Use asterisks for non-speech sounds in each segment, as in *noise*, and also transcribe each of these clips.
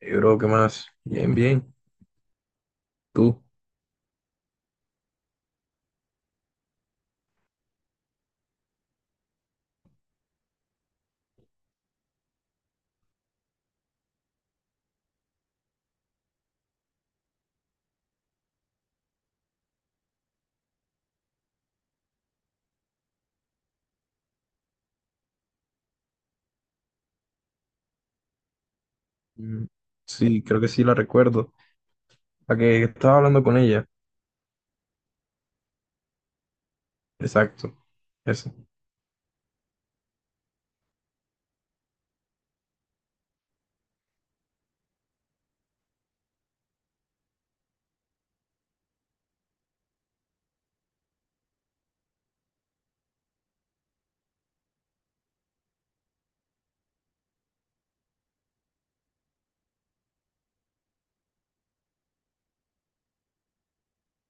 Hey, bro, ¿qué más? Bien, bien. Sí, creo que sí la recuerdo. La que estaba hablando con ella. Exacto. Eso.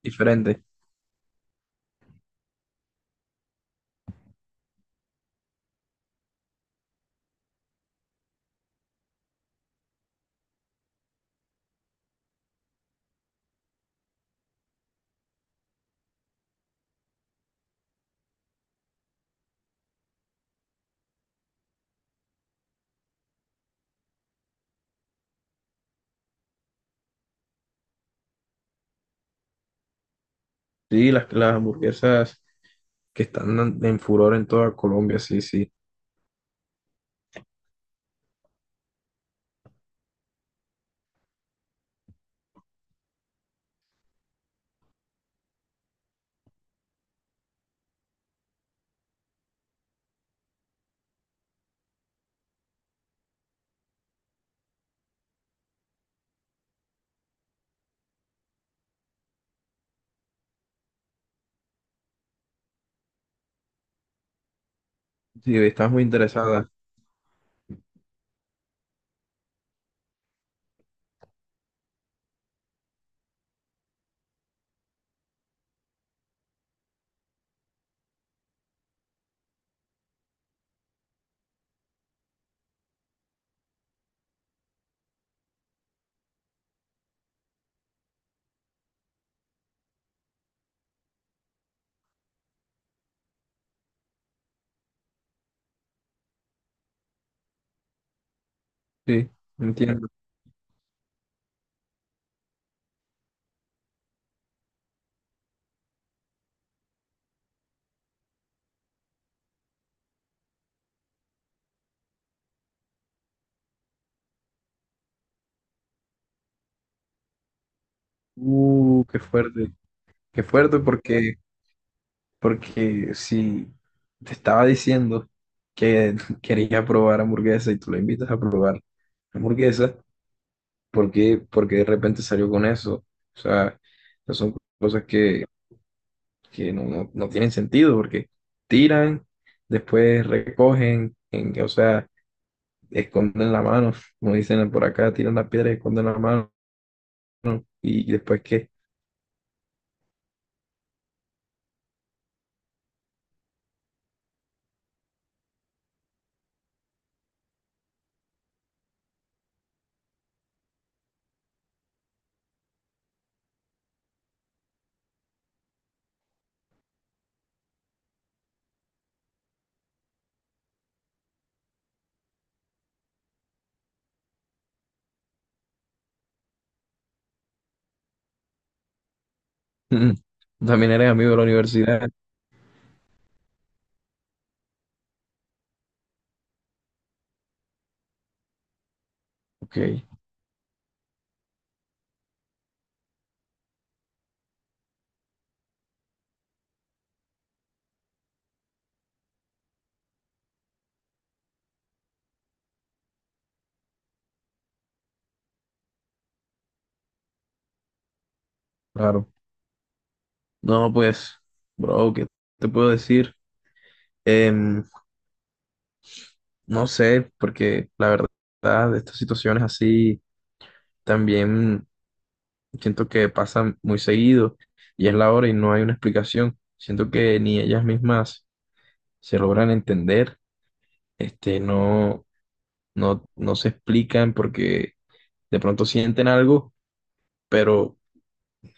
Diferente. Sí, las hamburguesas que están en furor en toda Colombia. Sí, sí. Sí, estás muy interesada. Sí, entiendo. Qué fuerte. Qué fuerte porque, porque si te estaba diciendo que *laughs* quería probar hamburguesa y tú la invitas a probar hamburguesa. Por qué de repente salió con eso? O sea, esas son cosas que no tienen sentido porque tiran, después recogen, o sea, esconden la mano, como dicen por acá, tiran la piedra y esconden la mano. Y después qué? *laughs* También eres amigo de la universidad. Ok, claro. No, pues, bro, ¿qué te puedo decir? Em, no sé, porque la verdad, de estas situaciones así también siento que pasa muy seguido y es la hora y no hay una explicación. Siento que ni ellas mismas se logran entender, este, no se explican porque de pronto sienten algo, pero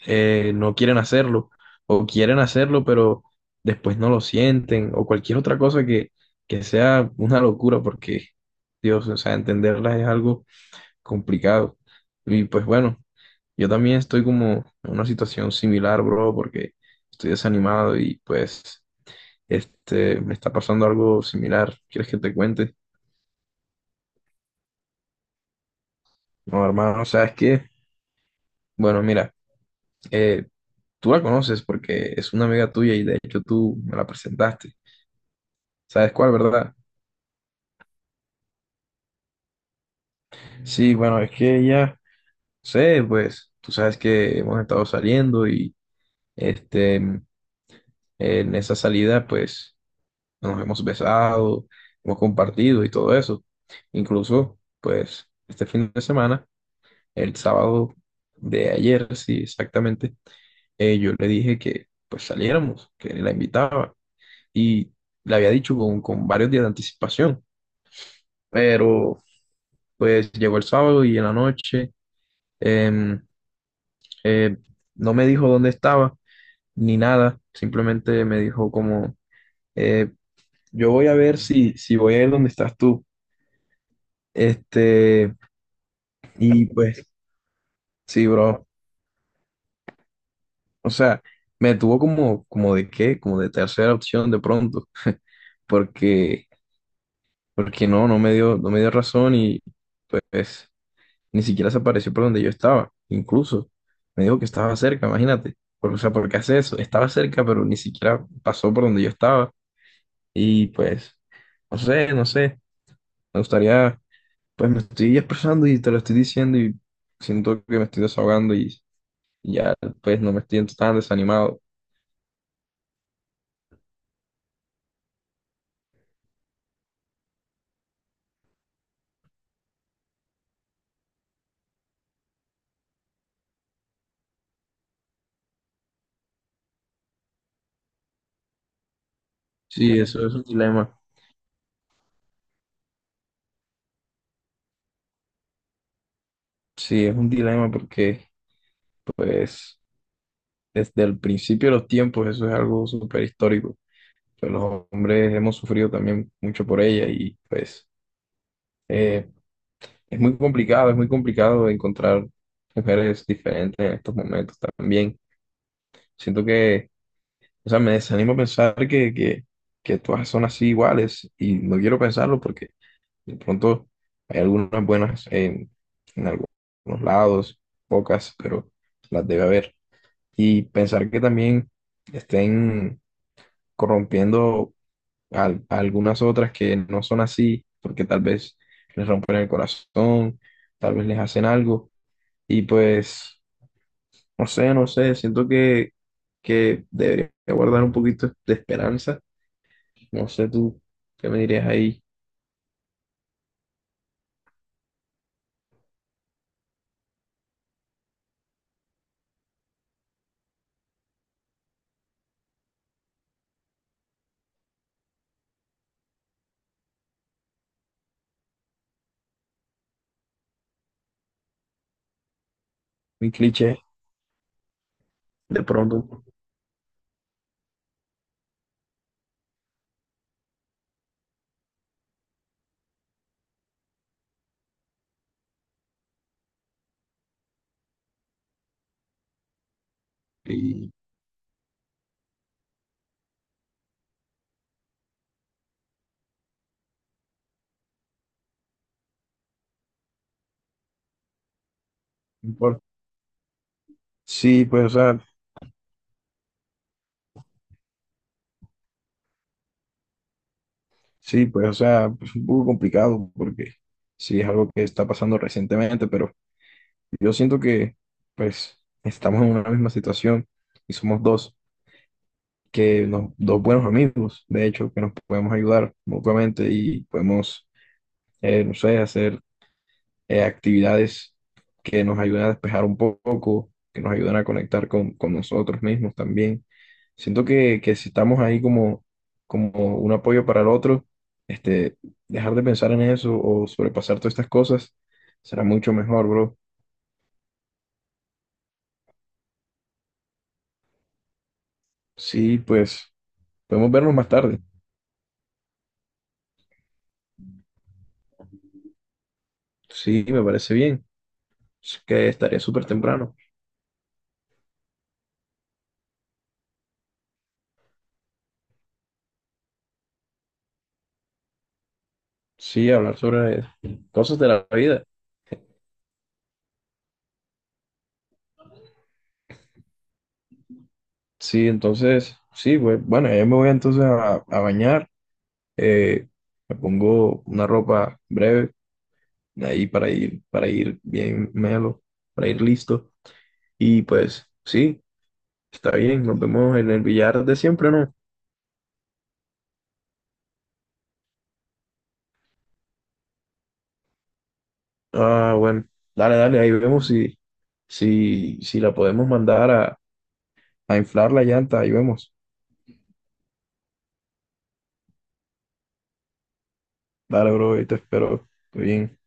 no quieren hacerlo, o quieren hacerlo, pero después no lo sienten, o cualquier otra cosa que sea una locura, porque Dios, o sea, entenderlas es algo complicado. Y pues bueno. Yo también estoy como en una situación similar, bro, porque estoy desanimado y pues este me está pasando algo similar. ¿Quieres que te cuente? No, hermano, ¿sabes qué? Bueno, mira, eh, tú la conoces porque es una amiga tuya y de hecho tú me la presentaste. ¿Sabes cuál, verdad? Sí, bueno, es que ella, no sé, pues tú sabes que hemos estado saliendo y este en esa salida, pues nos hemos besado, hemos compartido y todo eso. Incluso, pues, este fin de semana, el sábado de ayer, sí, exactamente, yo le dije que pues saliéramos, que la invitaba y le había dicho con varios días de anticipación, pero pues llegó el sábado y en la noche em, eh, no me dijo dónde estaba ni nada, simplemente me dijo como, eh, yo voy a ver si, si voy a ir donde estás tú. Este, y pues, sí, bro. O sea, me tuvo como, como de qué, como de tercera opción de pronto, porque, porque no, no me dio, no me dio razón y pues ni siquiera se apareció por donde yo estaba. Incluso me dijo que estaba cerca, imagínate. O sea, ¿por qué hace eso? Estaba cerca, pero ni siquiera pasó por donde yo estaba. Y pues, no sé, no sé. Me gustaría, pues me estoy expresando y te lo estoy diciendo y siento que me estoy desahogando y ya, pues no me siento tan desanimado. Sí, eso es un dilema. Sí, es un dilema porque, pues, desde el principio de los tiempos eso es algo súper histórico. Pues los hombres hemos sufrido también mucho por ella y, pues, eh, es muy complicado encontrar mujeres diferentes en estos momentos también. Siento que, o sea, me desanimo pensar que todas son así iguales y no quiero pensarlo porque de pronto hay algunas buenas en algunos lados, pocas, pero las debe haber. Y pensar que también estén corrompiendo a algunas otras que no son así, porque tal vez les rompen el corazón, tal vez les hacen algo. Y pues, no sé, no sé, siento que debería guardar un poquito de esperanza. No sé tú, ¿qué me dirías ahí? Un cliché de pronto. Y, sí, pues, o sea, sí, pues, o sea, es un poco complicado porque sí es algo que está pasando recientemente, pero yo siento que, pues, estamos en una misma situación y somos dos, que dos buenos amigos, de hecho, que nos podemos ayudar mutuamente y podemos, no sé, hacer actividades que nos ayudan a despejar un poco, que nos ayudan a conectar con nosotros mismos también. Siento que si estamos ahí como, como un apoyo para el otro, este, dejar de pensar en eso o sobrepasar todas estas cosas será mucho mejor, bro. Sí, pues podemos vernos más tarde. Sí, me parece bien. Es que estaré súper temprano. Sí, hablar sobre cosas de la vida. Sí, entonces, sí, pues, bueno, ya me voy entonces a bañar. eh, Me pongo una ropa breve ahí para ir bien melo, para ir listo. Y pues sí, está bien, nos vemos en el billar de siempre, ¿no? Ah, bueno, dale, dale, ahí vemos si, si, si la podemos mandar a inflar la llanta, ahí vemos. Dale, bro, ahí te espero. Estoy bien.